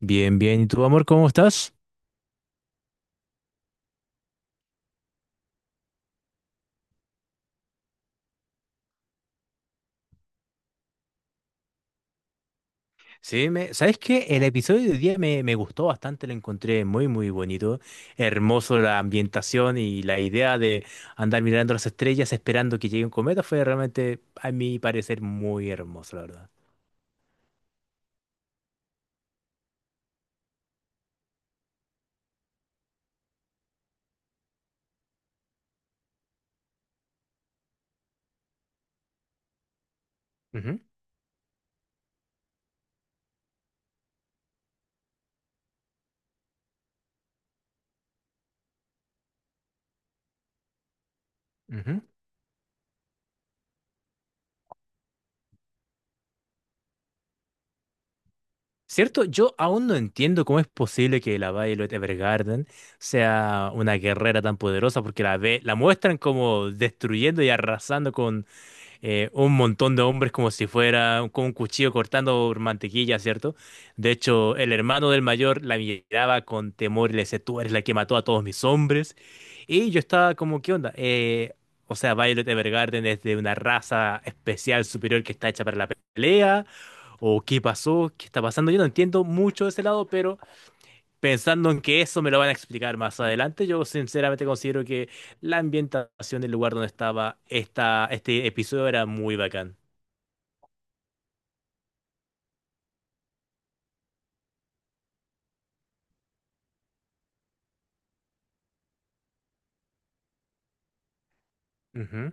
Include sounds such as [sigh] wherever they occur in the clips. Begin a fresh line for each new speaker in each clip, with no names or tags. Bien, bien. ¿Y tú, amor, cómo estás? Sí, ¿sabes qué? El episodio de hoy día me gustó bastante, lo encontré muy, muy bonito. Hermoso la ambientación y la idea de andar mirando las estrellas esperando que llegue un cometa fue realmente, a mi parecer, muy hermoso, la verdad. Ujú, ujú. Cierto, yo aún no entiendo cómo es posible que la Violet Evergarden sea una guerrera tan poderosa, porque la muestran como destruyendo y arrasando con un montón de hombres como si fuera con un cuchillo cortando mantequilla, ¿cierto? De hecho, el hermano del mayor la miraba con temor y le decía, tú eres la que mató a todos mis hombres. Y yo estaba como, ¿qué onda? O sea, Violet Evergarden es de una raza especial superior que está hecha para la pelea, o qué pasó, qué está pasando. Yo no entiendo mucho de ese lado, pero pensando en que eso me lo van a explicar más adelante, yo sinceramente considero que la ambientación del lugar donde estaba este episodio era muy bacán. Ujú.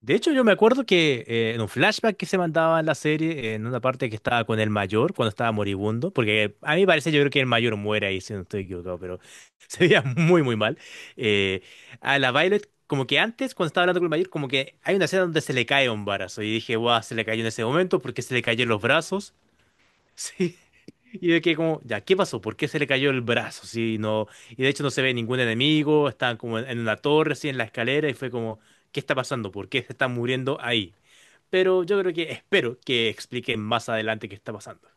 De hecho, yo me acuerdo que en un flashback que se mandaba en la serie, en una parte que estaba con el mayor, cuando estaba moribundo, porque a mí parece, yo creo que el mayor muere ahí, si no estoy equivocado, pero [laughs] se veía muy, muy mal. Eh, a la Violet, como que antes, cuando estaba hablando con el mayor, como que hay una escena donde se le cae un brazo, y dije, guau, se le cayó en ese momento porque se le cayeron los brazos. [laughs] Sí, y de que como, ya, ¿qué pasó? ¿Por qué se le cayó el brazo? Sí, no, y de hecho no se ve ningún enemigo, están como en una torre, así en la escalera, y fue como, ¿qué está pasando? ¿Por qué se está muriendo ahí? Pero yo creo que espero que expliquen más adelante qué está pasando.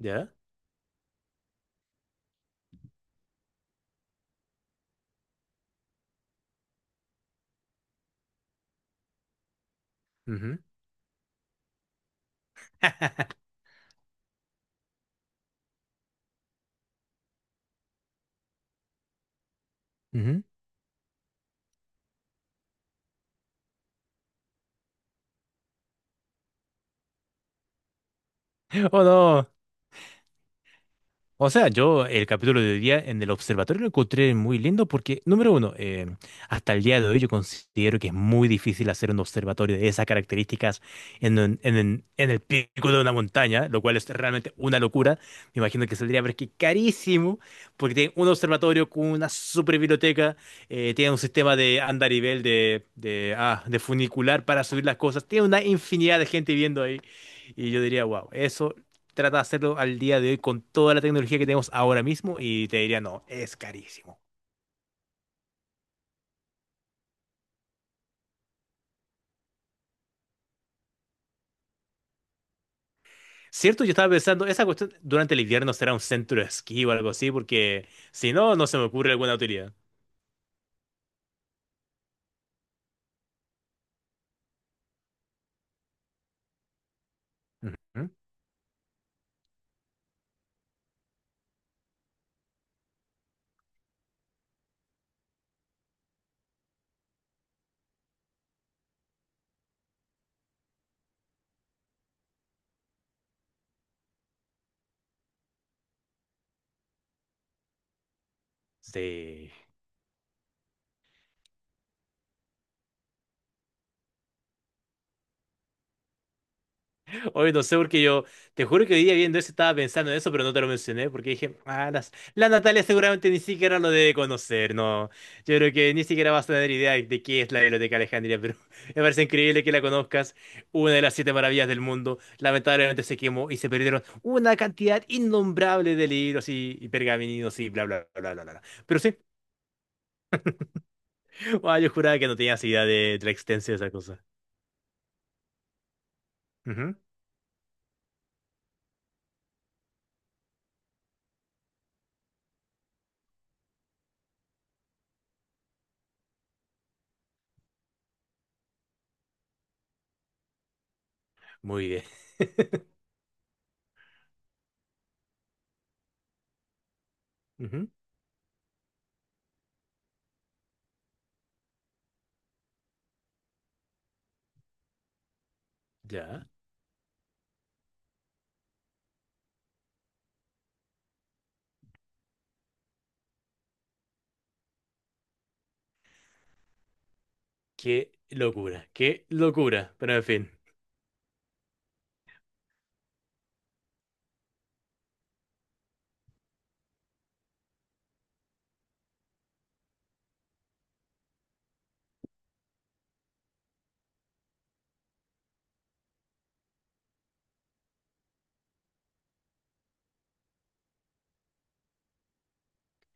Ya. Ujú, ujú. Oh, no. O sea, yo el capítulo de hoy día en el observatorio lo encontré muy lindo porque, número uno, hasta el día de hoy yo considero que es muy difícil hacer un observatorio de esas características en, un- en el pico de una montaña, lo cual es realmente una locura. Me imagino que saldría, pero es que carísimo, porque tiene un observatorio con una super biblioteca, tiene un sistema de andarivel, de funicular para subir las cosas, tiene una infinidad de gente viviendo ahí. Y yo diría, wow, eso trata de hacerlo al día de hoy con toda la tecnología que tenemos ahora mismo y te diría, no, es carísimo. Cierto, yo estaba pensando, esa cuestión durante el invierno será un centro de esquí o algo así, porque si no, no se me ocurre alguna utilidad. Ujú. Sí. Hoy no sé porque yo, te juro que hoy día viendo eso estaba pensando en eso, pero no te lo mencioné porque dije, ah, la Natalia seguramente ni siquiera lo debe conocer, no. Yo creo que ni siquiera vas a tener idea de qué es la Biblioteca Alejandría, pero [laughs] me parece increíble que la conozcas, una de las siete maravillas del mundo. Lamentablemente se quemó y se perdieron una cantidad innombrable de libros y pergaminos y bla, bla, bla, bla, bla. Pero sí, [laughs] ah, yo juraba que no tenías idea de la extensión de esa cosa. Ujú. Muy bien. Ujú. Ya. Qué locura, qué locura. Pero en fin,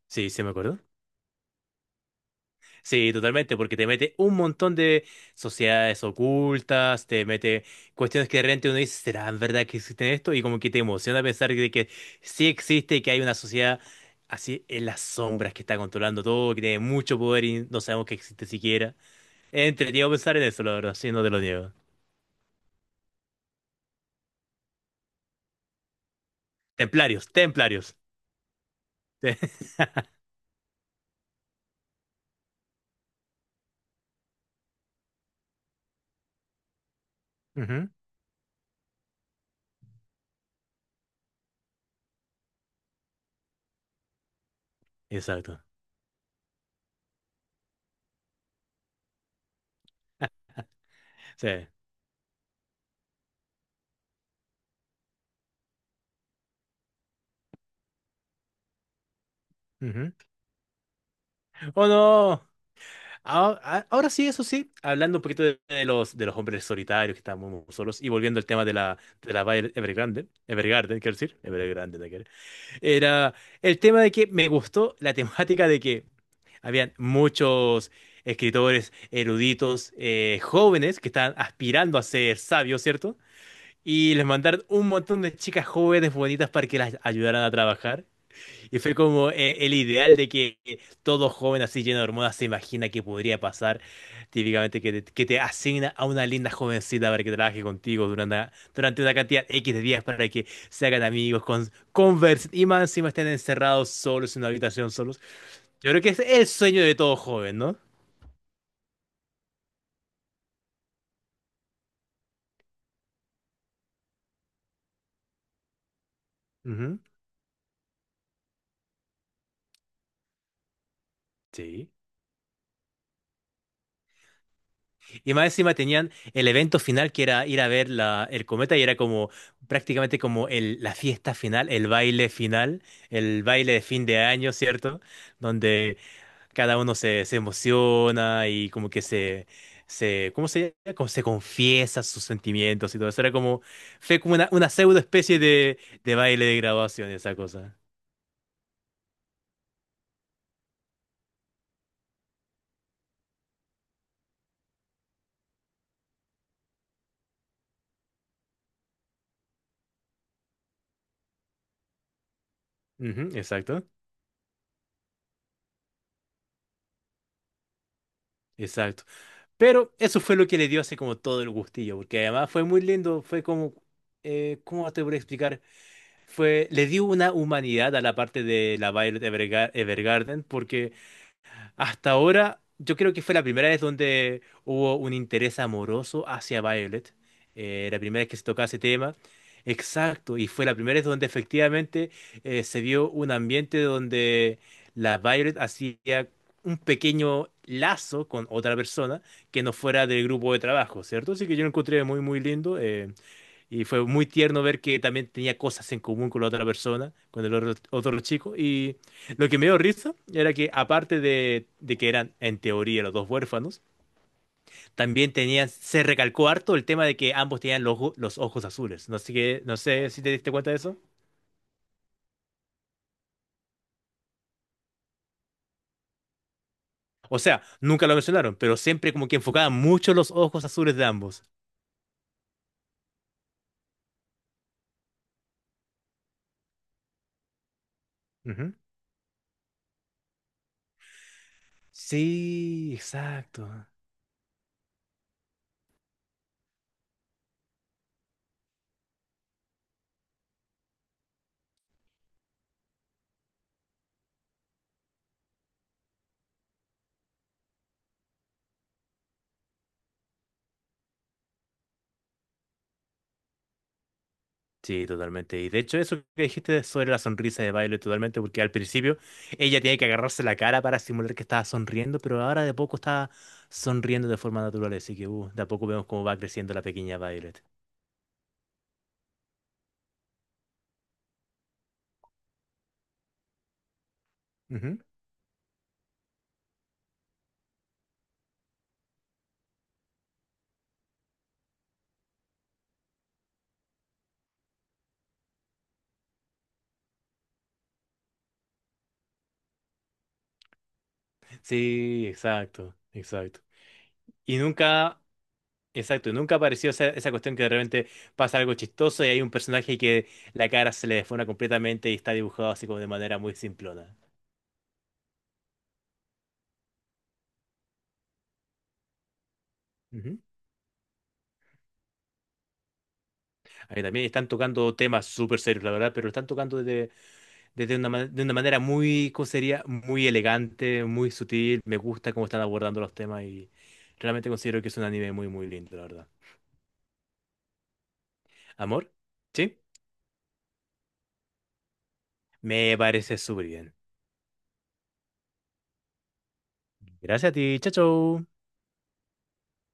sí, se me acordó. Sí, totalmente, porque te mete un montón de sociedades ocultas, te mete cuestiones que de repente uno dice, ¿será verdad que existe esto? Y como que te emociona pensar de que sí existe y que hay una sociedad así en las sombras que está controlando todo, que tiene mucho poder y no sabemos que existe siquiera. Es entretenido pensar en eso, la verdad, sí, no te lo niego. Templarios, templarios. [laughs] Ujú. Exacto. Sí. Ujú. ¡Oh, no! Ahora sí, eso sí, hablando un poquito de los hombres solitarios que están muy, muy solos y volviendo al tema de la Evergarden, quiero decir, Evergrande, nada que ver. Era el tema de que me gustó la temática de que habían muchos escritores eruditos jóvenes que estaban aspirando a ser sabios, ¿cierto? Y les mandaron un montón de chicas jóvenes bonitas para que las ayudaran a trabajar. Y fue como el ideal de que todo joven así lleno de hormonas se imagina que podría pasar. Típicamente que que te asigna a una linda jovencita para que trabaje contigo durante una cantidad X de días para que se hagan amigos, conversen y más encima estén encerrados solos en una habitación solos. Yo creo que es el sueño de todo joven, ¿no? Ujú. Sí. Y más encima tenían el evento final que era ir a ver el cometa y era como prácticamente como la fiesta final, el baile de fin de año, ¿cierto? Donde cada uno se emociona y como que ¿cómo se llama? Como se confiesa sus sentimientos y todo eso. Era como, fue como una pseudo especie de baile de graduación, esa cosa. Ujú, exacto, exacto. Pero eso fue lo que le dio así como todo el gustillo, porque además fue muy lindo, fue como, ¿cómo te voy a explicar? Fue, le dio una humanidad a la parte de la Evergarden, porque hasta ahora, yo creo que fue la primera vez donde hubo un interés amoroso hacia Violet. La primera vez que se tocaba ese tema. Exacto, y fue la primera vez donde efectivamente se vio un ambiente donde la Violet hacía un pequeño lazo con otra persona que no fuera del grupo de trabajo, ¿cierto? Así que yo lo encontré muy, muy lindo. Eh, y fue muy tierno ver que también tenía cosas en común con la otra persona, con otro chico. Y lo que me dio risa era que, aparte de que eran, en teoría, los dos huérfanos, también tenían, se recalcó harto el tema de que ambos tenían los ojos azules. No sé, no sé si te diste cuenta de eso. O sea, nunca lo mencionaron, pero siempre como que enfocaban mucho los ojos azules de ambos. Ujú. Sí, exacto. Sí, totalmente. Y de hecho, eso que dijiste sobre la sonrisa de baile, totalmente, porque al principio ella tiene que agarrarse la cara para simular que estaba sonriendo, pero ahora de poco está sonriendo de forma natural, así que de a poco vemos cómo va creciendo la pequeña Violet. Ujú. Sí, exacto, exacto. Y nunca, exacto, y nunca apareció esa, esa cuestión que de repente pasa algo chistoso y hay un personaje que la cara se le desfona completamente y está dibujado así como de manera muy simplona. Ujú. Ahí también están tocando temas súper serios, la verdad, pero lo están tocando desde de una manera muy, ¿cómo sería? Muy elegante, muy sutil. Me gusta cómo están abordando los temas y realmente considero que es un anime muy, muy lindo, la verdad. ¿Amor? ¿Sí? Me parece súper bien. Gracias a ti. Chao, chao.